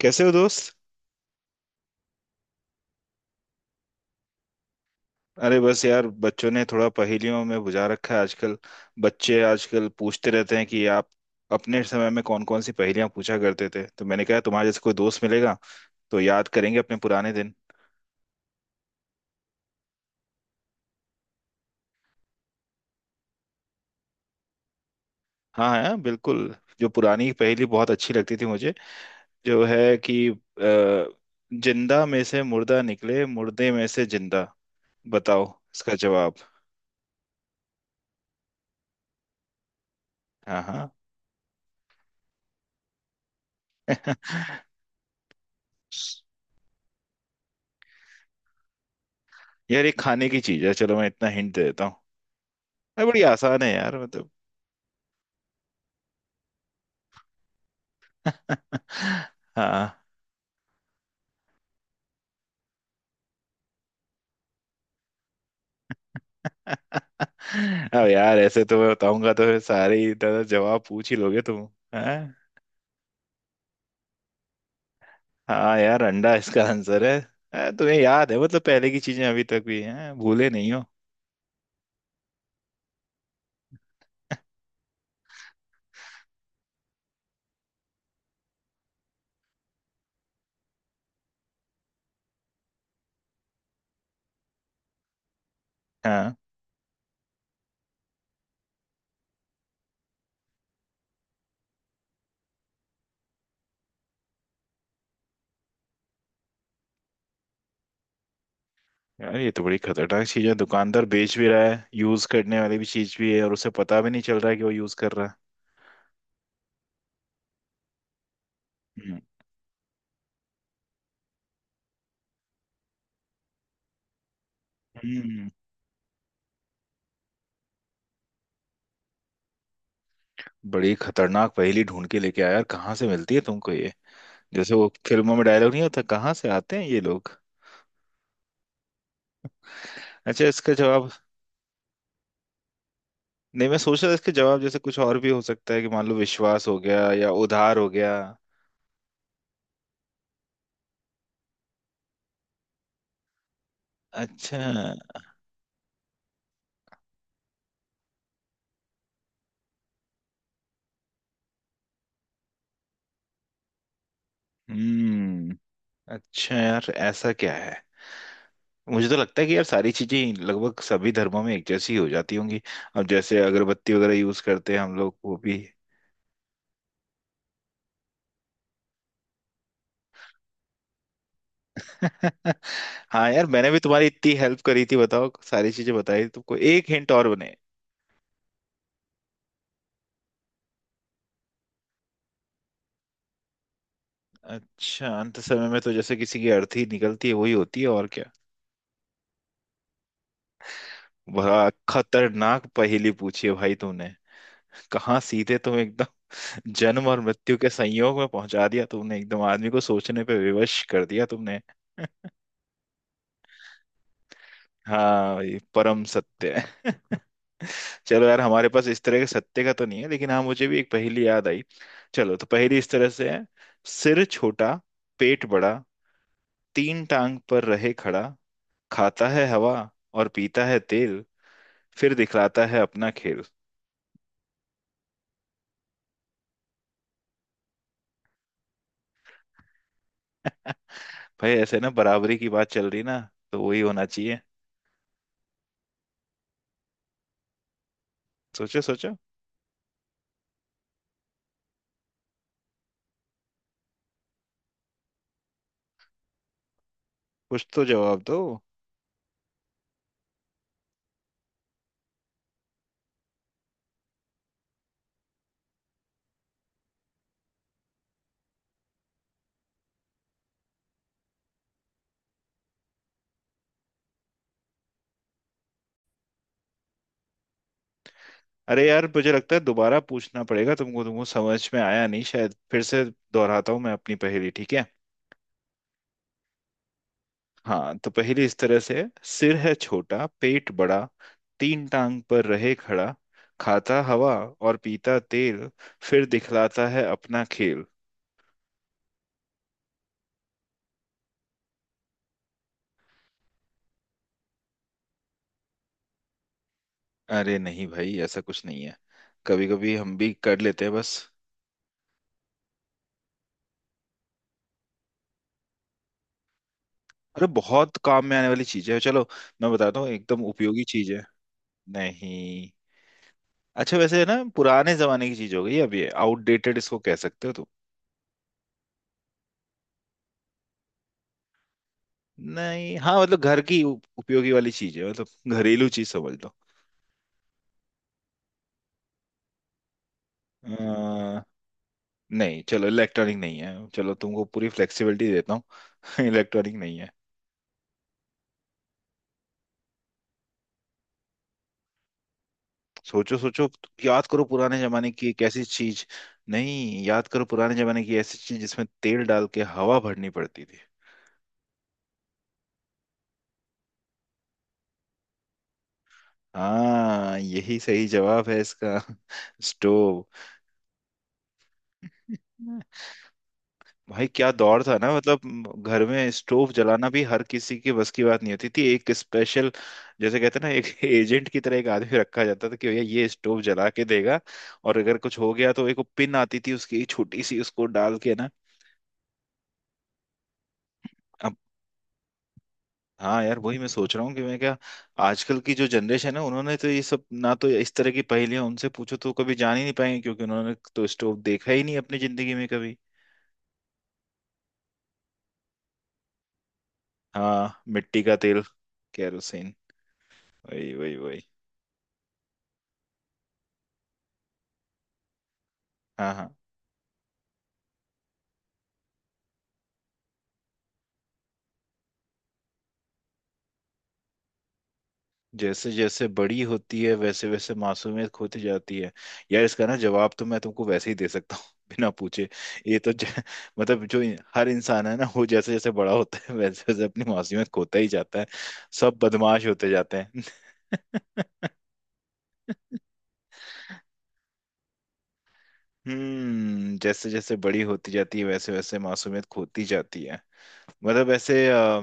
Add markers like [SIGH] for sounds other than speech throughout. कैसे हो दोस्त। अरे बस यार, बच्चों ने थोड़ा पहेलियों में बुझा रखा है आजकल। बच्चे आजकल पूछते रहते हैं कि आप अपने समय में कौन कौन सी पहेलियां पूछा करते थे, तो मैंने कहा तुम्हारे जैसे कोई दोस्त मिलेगा तो याद करेंगे अपने पुराने दिन। हाँ हाँ, बिल्कुल। जो पुरानी पहेली बहुत अच्छी लगती थी मुझे, जो है कि जिंदा में से मुर्दा निकले, मुर्दे में से जिंदा। बताओ इसका जवाब। हाँ हाँ। [LAUGHS] यार ये खाने की चीज है, चलो मैं इतना हिंट दे देता हूँ। अरे बड़ी आसान है यार, मतलब। हाँ। अब यार ऐसे तो मैं बताऊंगा तो फिर सारे ही दादा जवाब पूछ ही लोगे तुम। हैं। हाँ यार, अंडा इसका आंसर है। हाँ, तुम्हें याद है मतलब पहले की चीजें अभी तक भी हैं, भूले नहीं हो। हाँ यार, ये तो बड़ी खतरनाक चीज है, दुकानदार बेच भी रहा है, यूज करने वाली भी चीज भी है और उसे पता भी नहीं चल रहा है कि वो यूज कर रहा है। हम्म। हम्म, बड़ी खतरनाक पहेली ढूंढ के लेके आया यार, कहाँ से मिलती है तुमको ये। जैसे वो फिल्मों में डायलॉग नहीं होता, कहाँ से आते हैं ये लोग। अच्छा, इसका जवाब — नहीं, मैं सोच रहा था इसके जवाब जैसे कुछ और भी हो सकता है कि मान लो विश्वास हो गया या उधार हो गया। अच्छा। हम्म। अच्छा यार, ऐसा क्या है। मुझे तो लगता है कि यार सारी चीजें लगभग सभी धर्मों में एक जैसी हो जाती होंगी, अब जैसे अगरबत्ती वगैरह यूज करते हैं हम लोग वो भी। [LAUGHS] हाँ यार, मैंने भी तुम्हारी इतनी हेल्प करी थी, बताओ सारी चीजें बताई तुमको, एक हिंट और बने। अच्छा, अंत समय में तो जैसे किसी की अर्थी निकलती है वही होती है और क्या। बड़ा खतरनाक पहेली पूछी है भाई तुमने, कहाँ सीधे तुम एकदम [LAUGHS] जन्म और मृत्यु के संयोग में पहुंचा दिया तुमने, एकदम आदमी को सोचने पे विवश कर दिया तुमने। [LAUGHS] हाँ भाई परम सत्य है। [LAUGHS] चलो यार, हमारे पास इस तरह के सत्य का तो नहीं है, लेकिन हाँ मुझे भी एक पहेली याद आई। चलो, तो पहेली इस तरह से है। सिर छोटा, पेट बड़ा, तीन टांग पर रहे खड़ा, खाता है हवा और पीता है तेल, फिर दिखलाता है अपना खेल। [LAUGHS] भाई ऐसे ना, बराबरी की बात चल रही ना, तो वही होना चाहिए। सोचो सोचो, कुछ तो जवाब दो। अरे यार मुझे लगता है दोबारा पूछना पड़ेगा तुमको, तुमको समझ में आया नहीं शायद। फिर से दोहराता हूँ मैं अपनी पहेली, ठीक है। हाँ तो पहेली इस तरह से है। सिर है छोटा, पेट बड़ा, तीन टांग पर रहे खड़ा, खाता हवा और पीता तेल, फिर दिखलाता है अपना खेल। अरे नहीं भाई, ऐसा कुछ नहीं है, कभी कभी हम भी कर लेते हैं बस। अरे बहुत काम में आने वाली चीज है, चलो मैं बताता हूँ, एकदम उपयोगी चीज है। नहीं। अच्छा वैसे है ना, पुराने जमाने की चीज हो गई अब ये, आउटडेटेड इसको कह सकते हो तो। नहीं, हाँ मतलब घर की उपयोगी वाली चीज है मतलब, घरेलू चीज समझ लो। अ, नहीं चलो इलेक्ट्रॉनिक नहीं है, चलो तुमको पूरी फ्लेक्सिबिलिटी देता हूँ। [LAUGHS] इलेक्ट्रॉनिक नहीं है। सोचो सोचो, याद करो पुराने जमाने की एक ऐसी चीज। नहीं, याद करो पुराने जमाने की ऐसी चीज जिसमें तेल डाल के हवा भरनी पड़ती थी। हाँ यही सही जवाब है इसका। [LAUGHS] स्टोव। भाई क्या दौर था ना, मतलब घर में स्टोव जलाना भी हर किसी की बस की बात नहीं होती थी, एक स्पेशल जैसे कहते हैं ना, एक [LAUGHS] एजेंट की तरह एक आदमी रखा जाता था कि भैया ये स्टोव जला के देगा। और अगर कुछ हो गया तो एक वो पिन आती थी उसकी छोटी सी, उसको डाल के ना। अब हाँ यार, वही मैं सोच रहा हूँ कि मैं क्या, आजकल की जो जनरेशन है उन्होंने तो ये सब ना, तो इस तरह की पहेलियां उनसे पूछो तो कभी जान ही नहीं पाएंगे क्योंकि उन्होंने तो स्टोव देखा ही नहीं अपनी जिंदगी में कभी। हाँ, मिट्टी का तेल। केरोसिन। वही वही वही। हाँ हाँ। जैसे जैसे बड़ी होती है, वैसे वैसे मासूमियत खोती जाती है। यार, इसका ना जवाब तो मैं तुमको वैसे ही दे सकता हूँ [LAUGHS] बिना पूछे। ये तो ज... [LAUGHS] मतलब जो हर इंसान है ना वो जैसे जैसे बड़ा होता है [LAUGHS] वैसे वैसे अपनी मासूमियत खोता ही जाता है, सब बदमाश होते जाते हैं। [LAUGHS] जैसे जैसे बड़ी होती जाती है, वैसे वैसे मासूमियत खोती जाती है, मतलब ऐसे।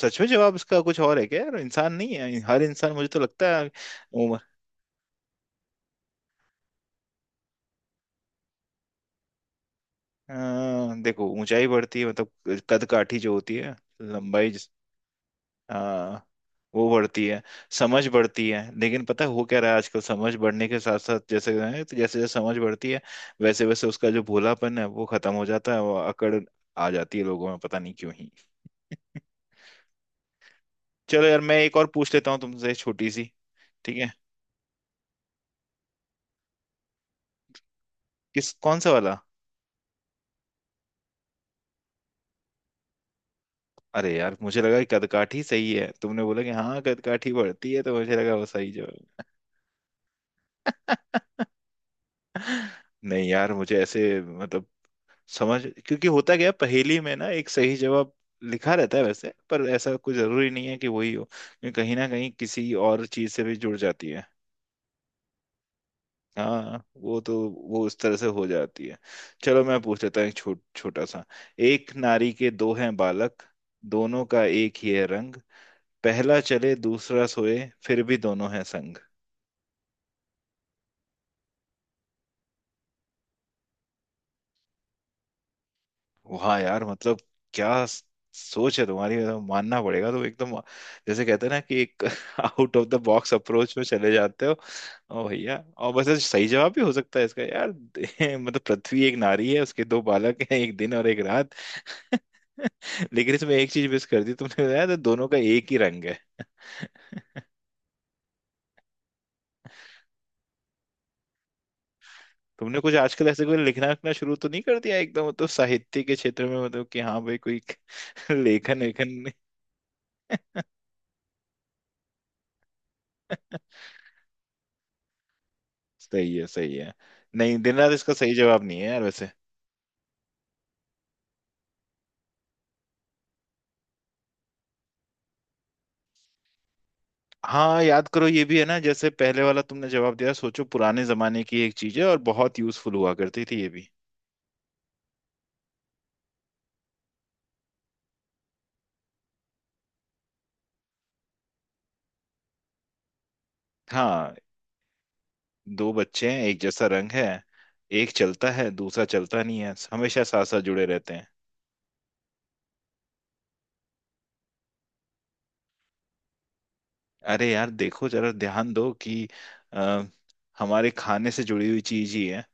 सच में जवाब इसका कुछ और है क्या यार, इंसान नहीं है हर इंसान, मुझे तो लगता है। अ, देखो ऊंचाई बढ़ती है मतलब, कद काठी जो होती है, लंबाई अ, वो बढ़ती है, समझ बढ़ती है, लेकिन पता है हो क्या रहा है आजकल, समझ बढ़ने के साथ साथ जैसे है, तो जैसे जैसे समझ बढ़ती है वैसे वैसे उसका जो भोलापन है वो खत्म हो जाता है, वो अकड़ आ जाती है लोगों में, पता नहीं क्यों ही। चलो यार मैं एक और पूछ लेता हूँ तुमसे छोटी सी। ठीक है। किस कौन सा वाला। अरे यार मुझे लगा कि कदकाठी सही है, तुमने बोला कि हाँ कदकाठी बढ़ती है तो मुझे लगा वो सही जवाब है। [LAUGHS] नहीं यार, मुझे ऐसे मतलब समझ क्योंकि होता क्या है, पहेली में ना एक सही जवाब लिखा रहता है वैसे, पर ऐसा कोई जरूरी नहीं है कि वही हो क्योंकि कहीं ना कहीं किसी और चीज से भी जुड़ जाती है। हाँ वो तो वो उस तरह से हो जाती है। चलो मैं पूछ लेता हूँ एक छोटा सा। एक नारी के दो हैं बालक, दोनों का एक ही है रंग, पहला चले दूसरा सोए, फिर भी दोनों हैं संग। वाह यार मतलब, क्या स- सोच है तुम्हारी, मतलब मानना पड़ेगा, तुम एकदम जैसे कहते हैं ना कि एक [LAUGHS] out of the box approach में चले जाते हो। ओ भैया, और वैसे सही जवाब भी हो सकता है इसका यार [LAUGHS] मतलब पृथ्वी एक नारी है, उसके दो बालक हैं, एक दिन और एक रात। [LAUGHS] लेकिन इसमें एक चीज मिस कर दी तुमने, बताया तो दोनों का एक ही रंग है। [LAUGHS] तुमने कुछ आजकल ऐसे कोई लिखना लिखना शुरू तो नहीं कर दिया एकदम, मतलब साहित्य के क्षेत्र में, मतलब कि हाँ भाई कोई [LAUGHS] लेखन लेखन। सही है सही है। नहीं दिन रात इसका सही जवाब नहीं है यार वैसे। हाँ याद करो, ये भी है ना जैसे पहले वाला तुमने जवाब दिया, सोचो पुराने जमाने की एक चीज है और बहुत यूजफुल हुआ करती थी ये भी। हाँ। दो बच्चे हैं, एक जैसा रंग है, एक चलता है दूसरा चलता नहीं है, हमेशा साथ साथ जुड़े रहते हैं। अरे यार देखो जरा ध्यान दो कि अ, हमारे खाने से जुड़ी हुई चीज ही है।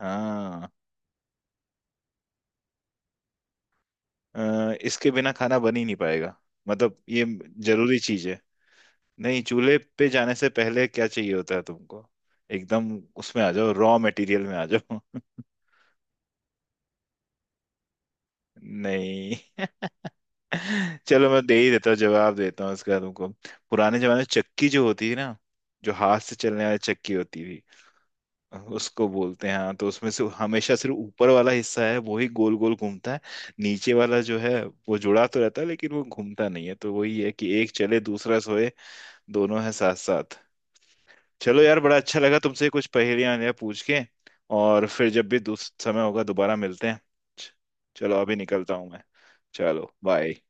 हाँ। इसके बिना खाना बन ही नहीं पाएगा, मतलब ये जरूरी चीज है। नहीं, चूल्हे पे जाने से पहले क्या चाहिए होता है तुमको, एकदम उसमें आ जाओ, रॉ मटेरियल में आ जाओ। [LAUGHS] नहीं। [LAUGHS] चलो मैं दे ही देता हूँ, जवाब देता हूँ इसका तुमको। पुराने जमाने में चक्की जो होती थी ना, जो हाथ से चलने वाली चक्की होती थी उसको बोलते हैं। हाँ, तो उसमें से हमेशा सिर्फ ऊपर वाला हिस्सा है वो ही गोल गोल घूमता है, नीचे वाला जो है वो जुड़ा तो रहता है लेकिन वो घूमता नहीं है, तो वही है कि एक चले दूसरा सोए, दोनों है साथ साथ। चलो यार, बड़ा अच्छा लगा तुमसे कुछ पहेलियां वहेलियां पूछ के। और फिर जब भी समय होगा दोबारा मिलते हैं। च- चलो अभी निकलता हूँ मैं। चलो बाय।